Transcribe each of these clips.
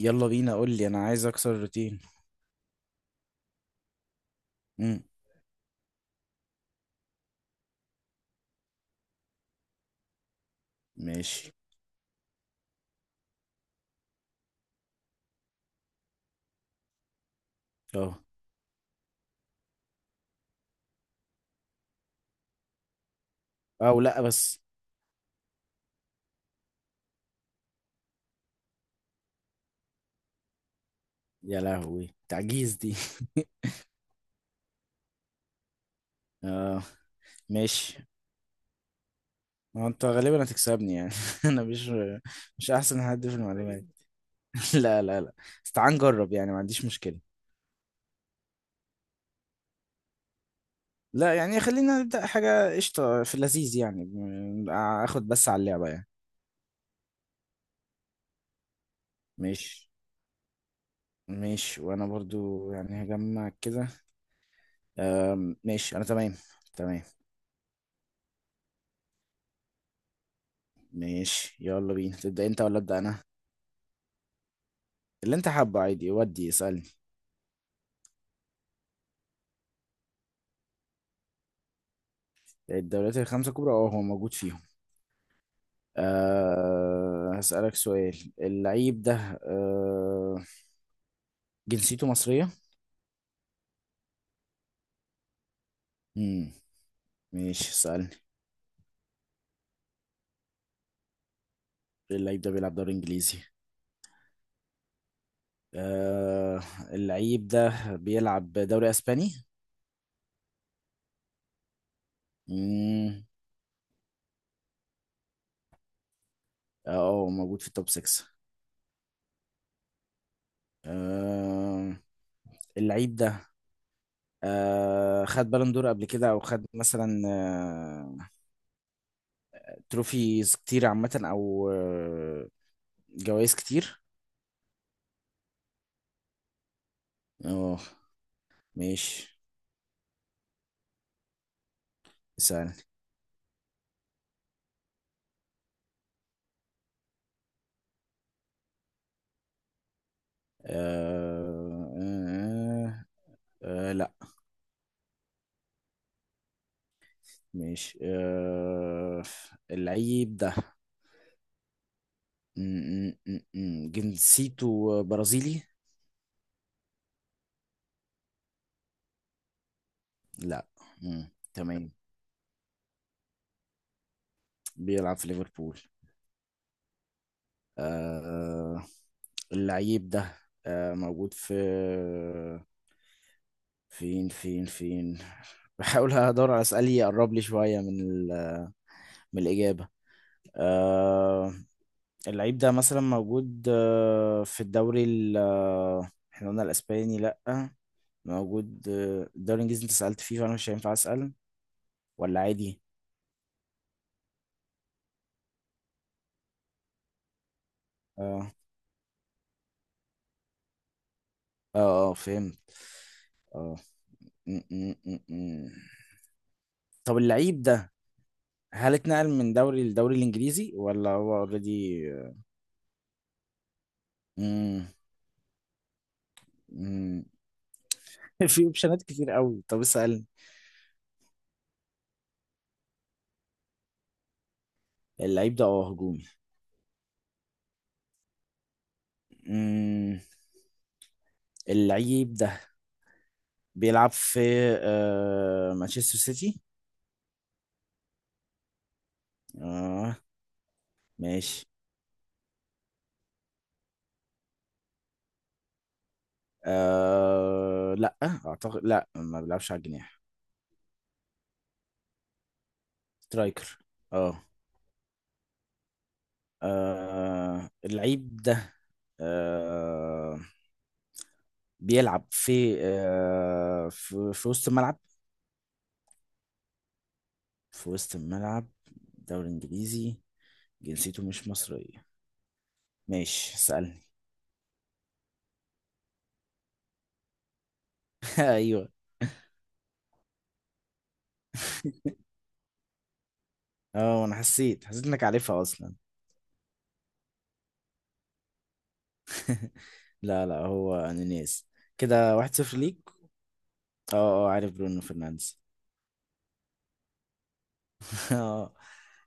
يلا بينا، قول لي، انا عايز اكسر الروتين. امم ماشي. اه او لا بس. يا لهوي تعجيز دي. اه ماشي. ما انت غالبا هتكسبني يعني، انا مش احسن حد في المعلومات. لا لا لا، بس تعال نجرب يعني، ما عنديش مشكلة. لا يعني خلينا نبدأ حاجة قشطة في اللذيذ يعني، اخد بس على اللعبة يعني. ماشي. ماشي، وانا برضو يعني هجمع كده. ماشي انا تمام. تمام. ماشي، يلا بينا، تبدأ انت ولا ابدأ انا؟ اللي انت حابه، عادي، ودي اسألني. الدوريات الخمسة الكبرى، اه هو موجود فيهم. أه هسألك سؤال، اللعيب ده، أه جنسيته مصرية؟ مم. ماشي اسألني. اللعيب ده بيلعب دوري انجليزي. أه اللعيب ده بيلعب دوري اسباني؟ مم. اه هو موجود في التوب 6. أه اللعيب ده، أه خد بالون دور قبل كده، او خد مثلا أه تروفيز كتير عامة، او أه جوائز كتير. اه ماشي اسألني. آه آه لا. ماشي آه، اللعيب ده م- م- م- م. جنسيته برازيلي. لا. م. تمام. بيلعب في ليفربول. آه اللعيب ده آه موجود في فين فين فين، بحاول ادور على اسئله يقرب لي شويه من من الاجابه. آه اللعيب ده مثلا موجود في الدوري ال احنا قلنا الاسباني لا، موجود الدوري الانجليزي انت سألت فيه، فانا مش هينفع اسأل، ولا عادي؟ اه اه فهمت. اه. م- م- م- م. طب اللعيب ده هل اتنقل من دوري للدوري الانجليزي ولا هو اوريدي؟ امم امم في اوبشنات كتير قوي. طب اسأل. اللعيب ده اه هجومي. مم. اللعيب ده بيلعب في آه مانشستر سيتي. آه ماشي. لا اعتقد، لا، ما بيلعبش على الجناح. سترايكر اه. اللعيب ده آه... بيلعب في في وسط الملعب. في وسط الملعب، دوري انجليزي، جنسيته مش مصرية. ماشي اسألني. ايوه. اه انا حسيت انك عارفها اصلا. لا لا، هو انونيز. كده واحد صفر ليك. اه. اه عارف برونو فرنانديز. اه.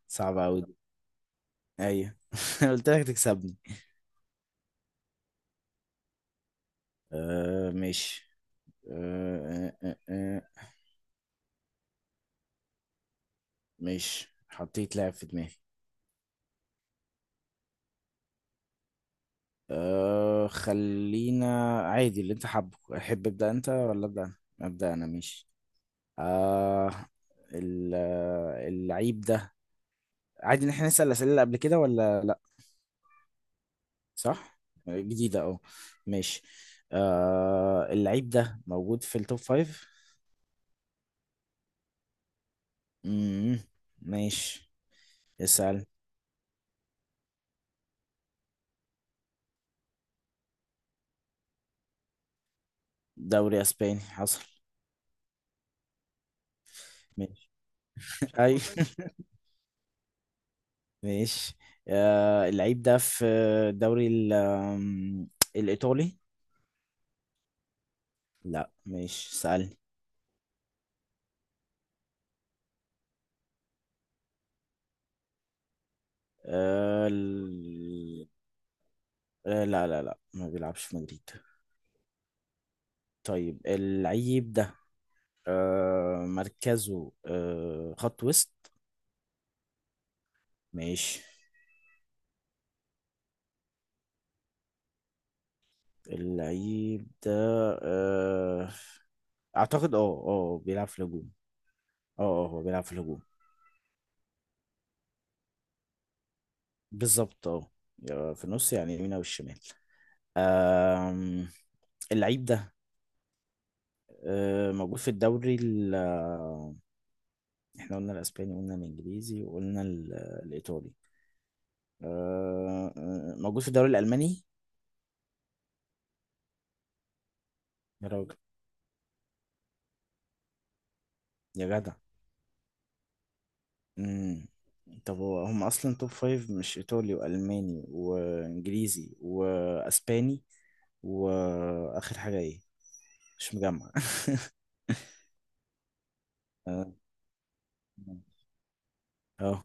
صعب اوي. ايوه أنا قلت لك تكسبني. آه ماشي. آه آه آه آه، ماشي، حطيت لاعب في دماغي. آه خلينا، عادي اللي انت حابه، احب ابدا انت ولا ابدا انا؟ ابدا انا، ماشي. آه، اللعيب ده، عادي ان احنا نسال الاسئله اللي قبل كده ولا لا؟ صح. آه، جديده، اه. ماشي. آه اللعيب ده موجود في التوب فايف. مم، ماشي. اسال. دوري اسباني، حصل. اي ماشي. آه، اللعيب ده في الدوري ال- آم، الإيطالي. لا مش سألني. آه، ال- لا لا لا، ما بيلعبش في مدريد. طيب اللعيب ده مركزه خط وسط. ماشي. اللعيب ده آه، أعتقد اه، اه بيلعب في الهجوم. اه هو بيلعب في الهجوم. بالظبط اه. في النص، يعني اليمين أو الشمال. آم، اللعيب ده موجود في الدوري احنا قلنا الاسباني، قلنا الانجليزي، وقلنا الايطالي. موجود في الدوري الالماني. يا راجل. يا جدع. مم. طب هو هم اصلا توب فايف، مش ايطالي والماني وانجليزي واسباني، واخر حاجه ايه؟ مش مجمع اه. آه.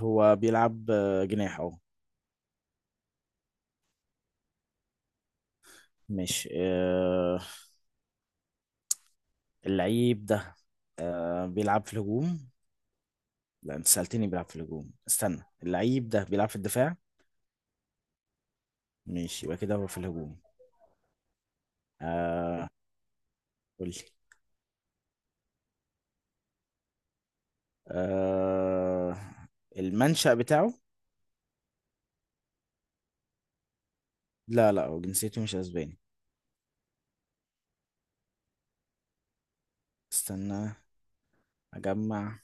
هو بيلعب جناح اهو. ماشي آه، اللعيب ده بيلعب في الهجوم. لا، انت سألتني بيلعب في الهجوم. استنى، اللعيب ده بيلعب في الدفاع. ماشي، يبقى كده هو في الهجوم. آه قول لي. آه المنشأ بتاعه. لا لا، هو جنسيته مش اسباني. استنى اجمع.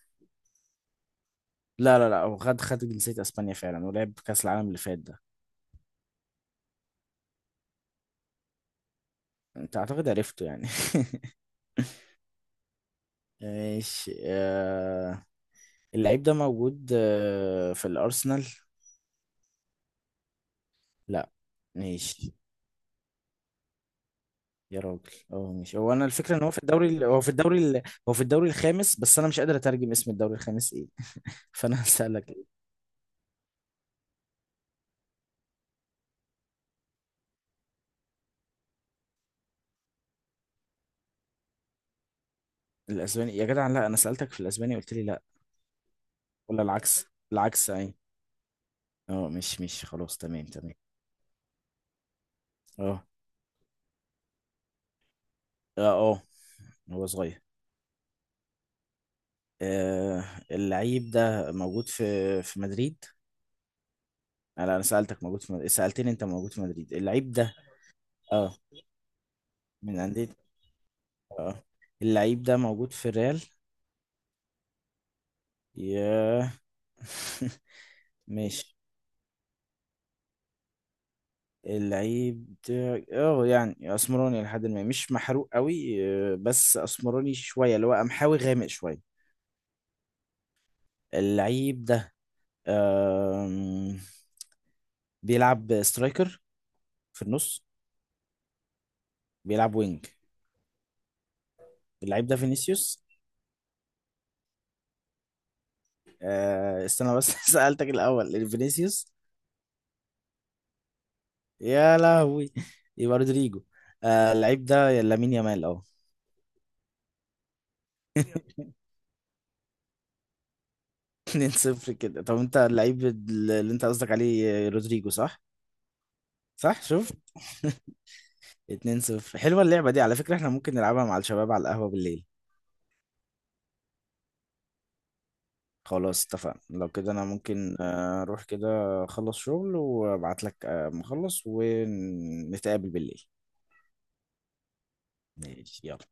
لا لا لا، هو خد جنسية اسبانيا فعلا، ولعب كأس العالم اللي فات ده. انت اعتقد عرفته يعني. ماشي آه، اللعيب ده موجود آه في الارسنال. لا. ماشي. يا راجل. اه ماشي، هو انا الفكره ان هو في الدوري هو في الدوري الخامس، بس انا مش قادر اترجم اسم الدوري الخامس ايه، فانا هسالك. الاسباني يا جدع، لا انا سالتك في الاسباني قلت لي لا، ولا العكس؟ العكس اي. اه مش خلاص، تمام تمام. اه اه اه، هو صغير. آه اللعيب ده موجود في في مدريد. آه، لا انا سالتك موجود في مدريد. سالتني انت موجود في مدريد اللعيب ده. اه، من انديه. اه اللعيب ده موجود في الريال. يا ماشي. اللعيب بتاعي اه يعني اسمراني، لحد ما مش محروق قوي. آه، بس اسمراني شويه، اللي هو قمحاوي غامق شويه. اللعيب ده آم، بيلعب سترايكر في النص. بيلعب وينج. اللعيب ده فينيسيوس. آه، استنى بس، سألتك الاول فينيسيوس. يا لهوي، يبقى رودريجو. آه، اللعيب ده يا لامين يامال اه. 2-0 كده. طب انت اللعيب اللي انت قصدك عليه رودريجو صح؟ صح، شفت اتنين صفر. حلوة اللعبة دي، على فكرة احنا ممكن نلعبها مع الشباب على القهوة بالليل. خلاص اتفقنا، لو كده انا ممكن آه، اروح كده، اخلص شغل وابعت لك، مخلص، ونتقابل بالليل. ماشي يلا.